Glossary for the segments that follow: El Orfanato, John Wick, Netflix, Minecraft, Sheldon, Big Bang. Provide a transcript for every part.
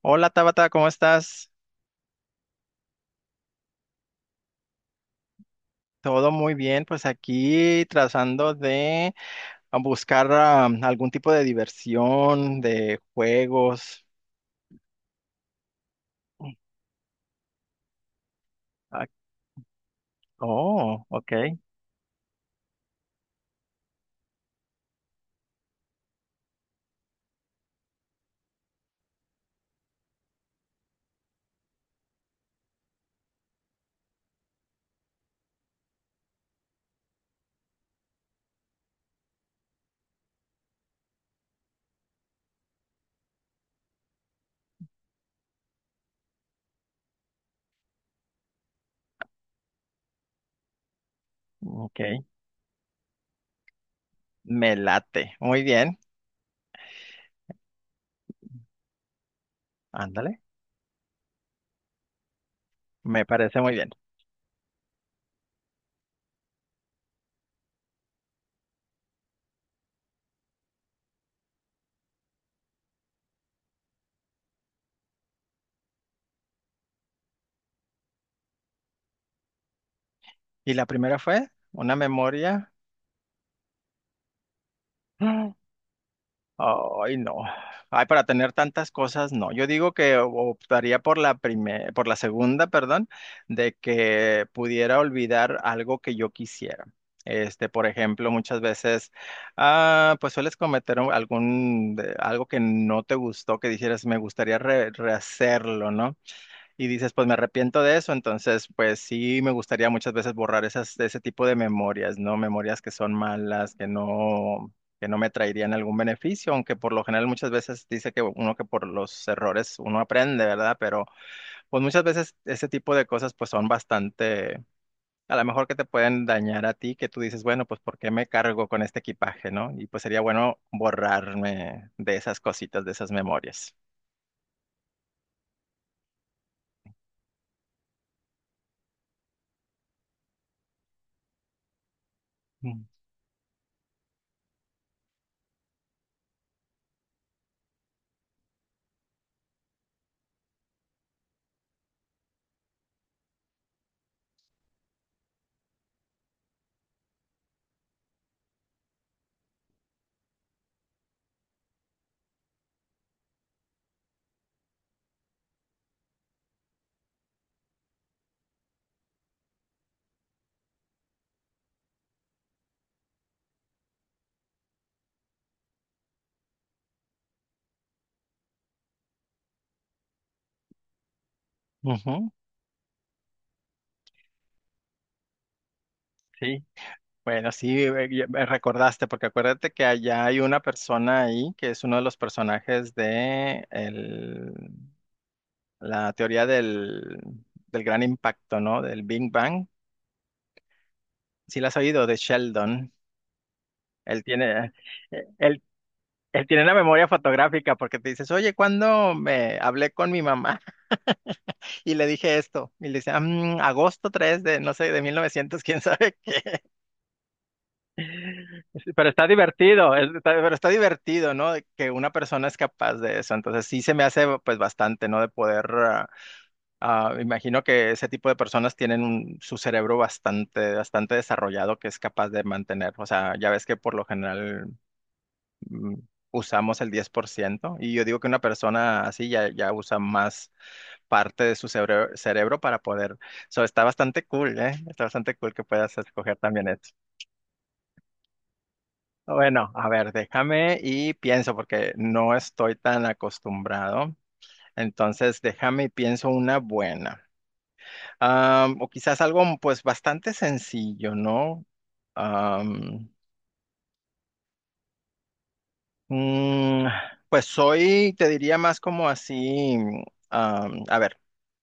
Hola Tabata, ¿cómo estás? Todo muy bien, pues aquí tratando de buscar algún tipo de diversión, de juegos. Ah, oh, ok, ok. Me late. Muy bien, ándale, me parece muy bien. ¿Y la primera fue una memoria? Ay, no. Ay, para tener tantas cosas, no. Yo digo que optaría por la primera, por la segunda, perdón, de que pudiera olvidar algo que yo quisiera. Este, por ejemplo, muchas veces, pues sueles cometer algún, algo que no te gustó, que dijeras, me gustaría rehacerlo, ¿no? Y dices, pues me arrepiento de eso, entonces pues sí me gustaría muchas veces borrar esas, ese tipo de memorias, ¿no? Memorias que son malas, que no me traerían algún beneficio, aunque por lo general muchas veces dice que uno que por los errores uno aprende, ¿verdad? Pero pues muchas veces ese tipo de cosas pues son bastante, a lo mejor que te pueden dañar a ti, que tú dices, bueno, pues ¿por qué me cargo con este equipaje, ¿no? Y pues sería bueno borrarme de esas cositas, de esas memorias. Mm. Ujú. Sí. Bueno, sí, ya me recordaste, porque acuérdate que allá hay una persona ahí que es uno de los personajes de la teoría del, del gran impacto, ¿no? Del Big Bang. Sí, la has oído, de Sheldon. Él tiene, eh, él, Él tiene una memoria fotográfica porque te dices, oye, ¿cuándo me hablé con mi mamá? Y le dije esto. Y le dice, "Ah, mm, agosto 3 de, no sé, de 1900, quién sabe qué". Pero está divertido, pero está divertido, ¿no? De que una persona es capaz de eso. Entonces sí se me hace pues bastante, ¿no? De poder, imagino que ese tipo de personas tienen su cerebro bastante, bastante desarrollado que es capaz de mantener. O sea, ya ves que por lo general mm, usamos el 10% y yo digo que una persona así ya, ya usa más parte de su cerebro, cerebro para poder. So, está bastante cool, ¿eh? Está bastante cool que puedas escoger también eso. Bueno, a ver, déjame y pienso porque no estoy tan acostumbrado. Entonces, déjame y pienso una buena. O quizás algo pues bastante sencillo, ¿no? Am, mm, pues soy, te diría más como así, a ver,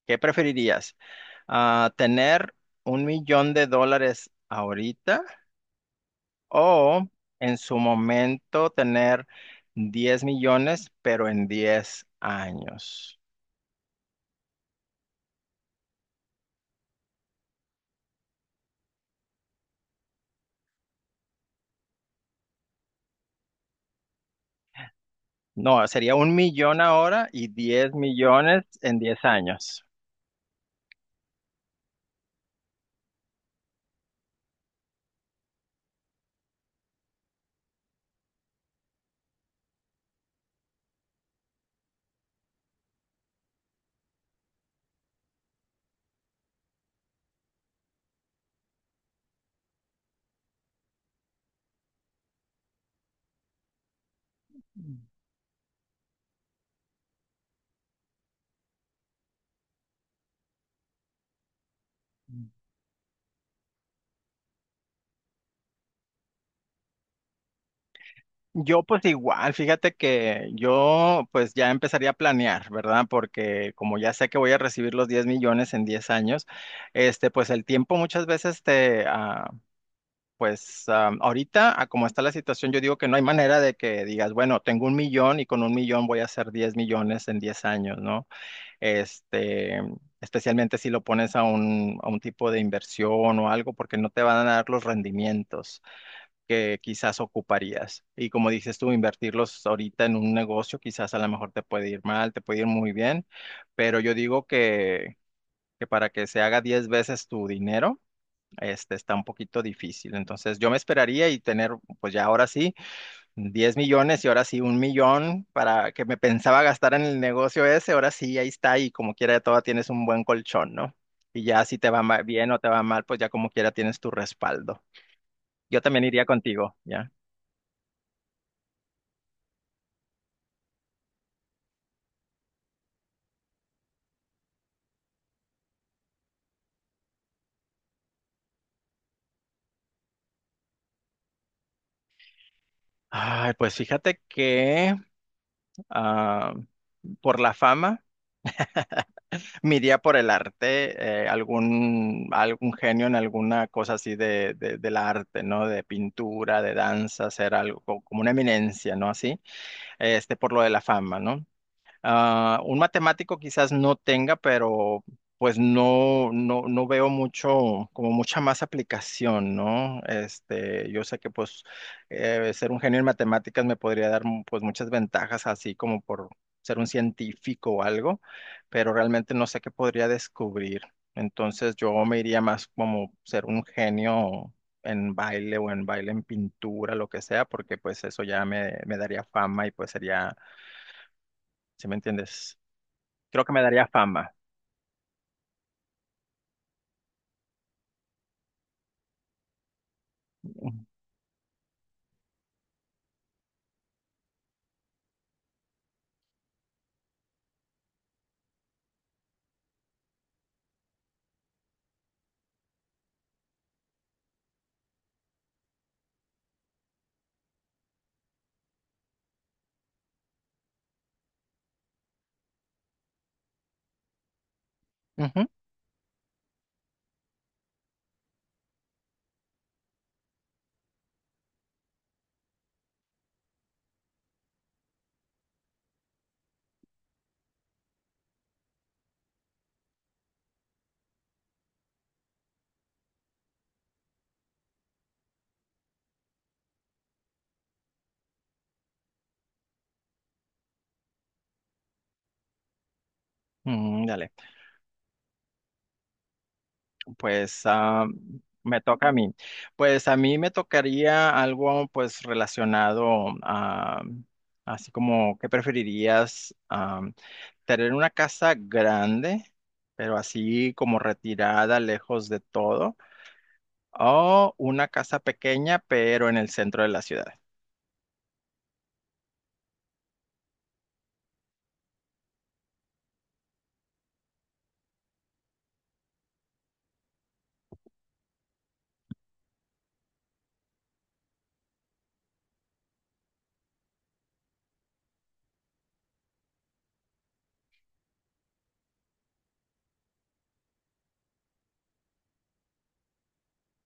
¿qué preferirías? ¿Tener 1 millón de dólares ahorita? O en su momento tener 10 millones, pero en 10 años. No, sería 1 millón ahora y 10 millones en 10 años. Yo pues igual, fíjate que yo pues ya empezaría a planear, ¿verdad? Porque como ya sé que voy a recibir los 10 millones en 10 años, este pues el tiempo muchas veces te, pues ahorita, a como está la situación, yo digo que no hay manera de que digas, bueno, tengo 1 millón y con 1 millón voy a hacer 10 millones en 10 años, ¿no? Este, especialmente si lo pones a un tipo de inversión o algo, porque no te van a dar los rendimientos que quizás ocuparías. Y como dices tú, invertirlos ahorita en un negocio, quizás a lo mejor te puede ir mal, te puede ir muy bien, pero yo digo que para que se haga 10 veces tu dinero, este, está un poquito difícil. Entonces yo me esperaría y tener, pues ya ahora sí, 10 millones y ahora sí 1 millón para que me pensaba gastar en el negocio ese, ahora sí, ahí está y como quiera toda tienes un buen colchón, ¿no? Y ya si te va bien o te va mal, pues ya como quiera tienes tu respaldo. Yo también iría contigo, ¿ya? Ay, pues fíjate que ah, por la fama. Mi día por el arte, algún genio en alguna cosa así de, del arte, ¿no? De pintura, de danza, ser algo como una eminencia, ¿no? Así, este, por lo de la fama, ¿no? Ah, un matemático quizás no tenga, pero pues no, no, no veo mucho, como mucha más aplicación, ¿no? Este, yo sé que pues ser un genio en matemáticas me podría dar pues muchas ventajas, así como por ser un científico o algo, pero realmente no sé qué podría descubrir. Entonces yo me iría más como ser un genio en baile en pintura, lo que sea, porque pues eso ya me daría fama y pues sería, ¿sí me entiendes? Creo que me daría fama. Ujú. Dale. Pues me toca a mí. Pues a mí me tocaría algo pues relacionado a, así como, ¿qué preferirías? Ah, tener una casa grande, pero así como retirada, lejos de todo, o una casa pequeña, pero en el centro de la ciudad.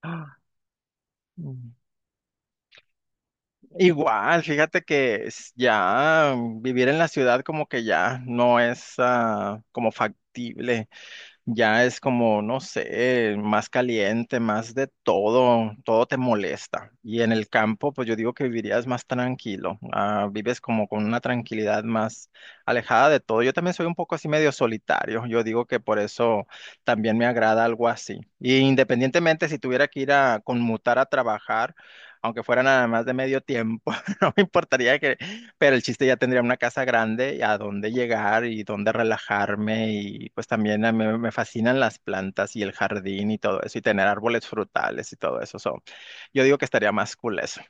Ah, igual, fíjate que ya vivir en la ciudad como que ya no es como factible. Ya es como, no sé, más caliente, más de todo, todo te molesta. Y en el campo, pues yo digo que vivirías más tranquilo, vives como con una tranquilidad más alejada de todo. Yo también soy un poco así medio solitario, yo digo que por eso también me agrada algo así. Y independientemente si tuviera que ir a conmutar a trabajar, aunque fuera nada más de medio tiempo, no me importaría que pero el chiste ya tendría una casa grande a dónde llegar y dónde relajarme y pues también a mí me fascinan las plantas y el jardín y todo eso y tener árboles frutales y todo eso. So, yo digo que estaría más cool eso.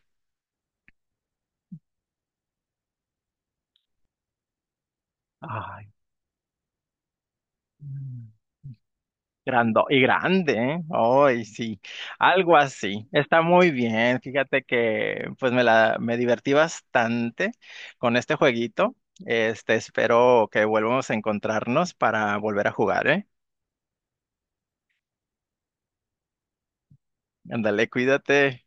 Ay, mm. Grando y grande, ¿eh? Ay, sí, algo así. Está muy bien. Fíjate que pues me la me divertí bastante con este jueguito. Este, espero que volvamos a encontrarnos para volver a jugar, ¿eh? Ándale, cuídate.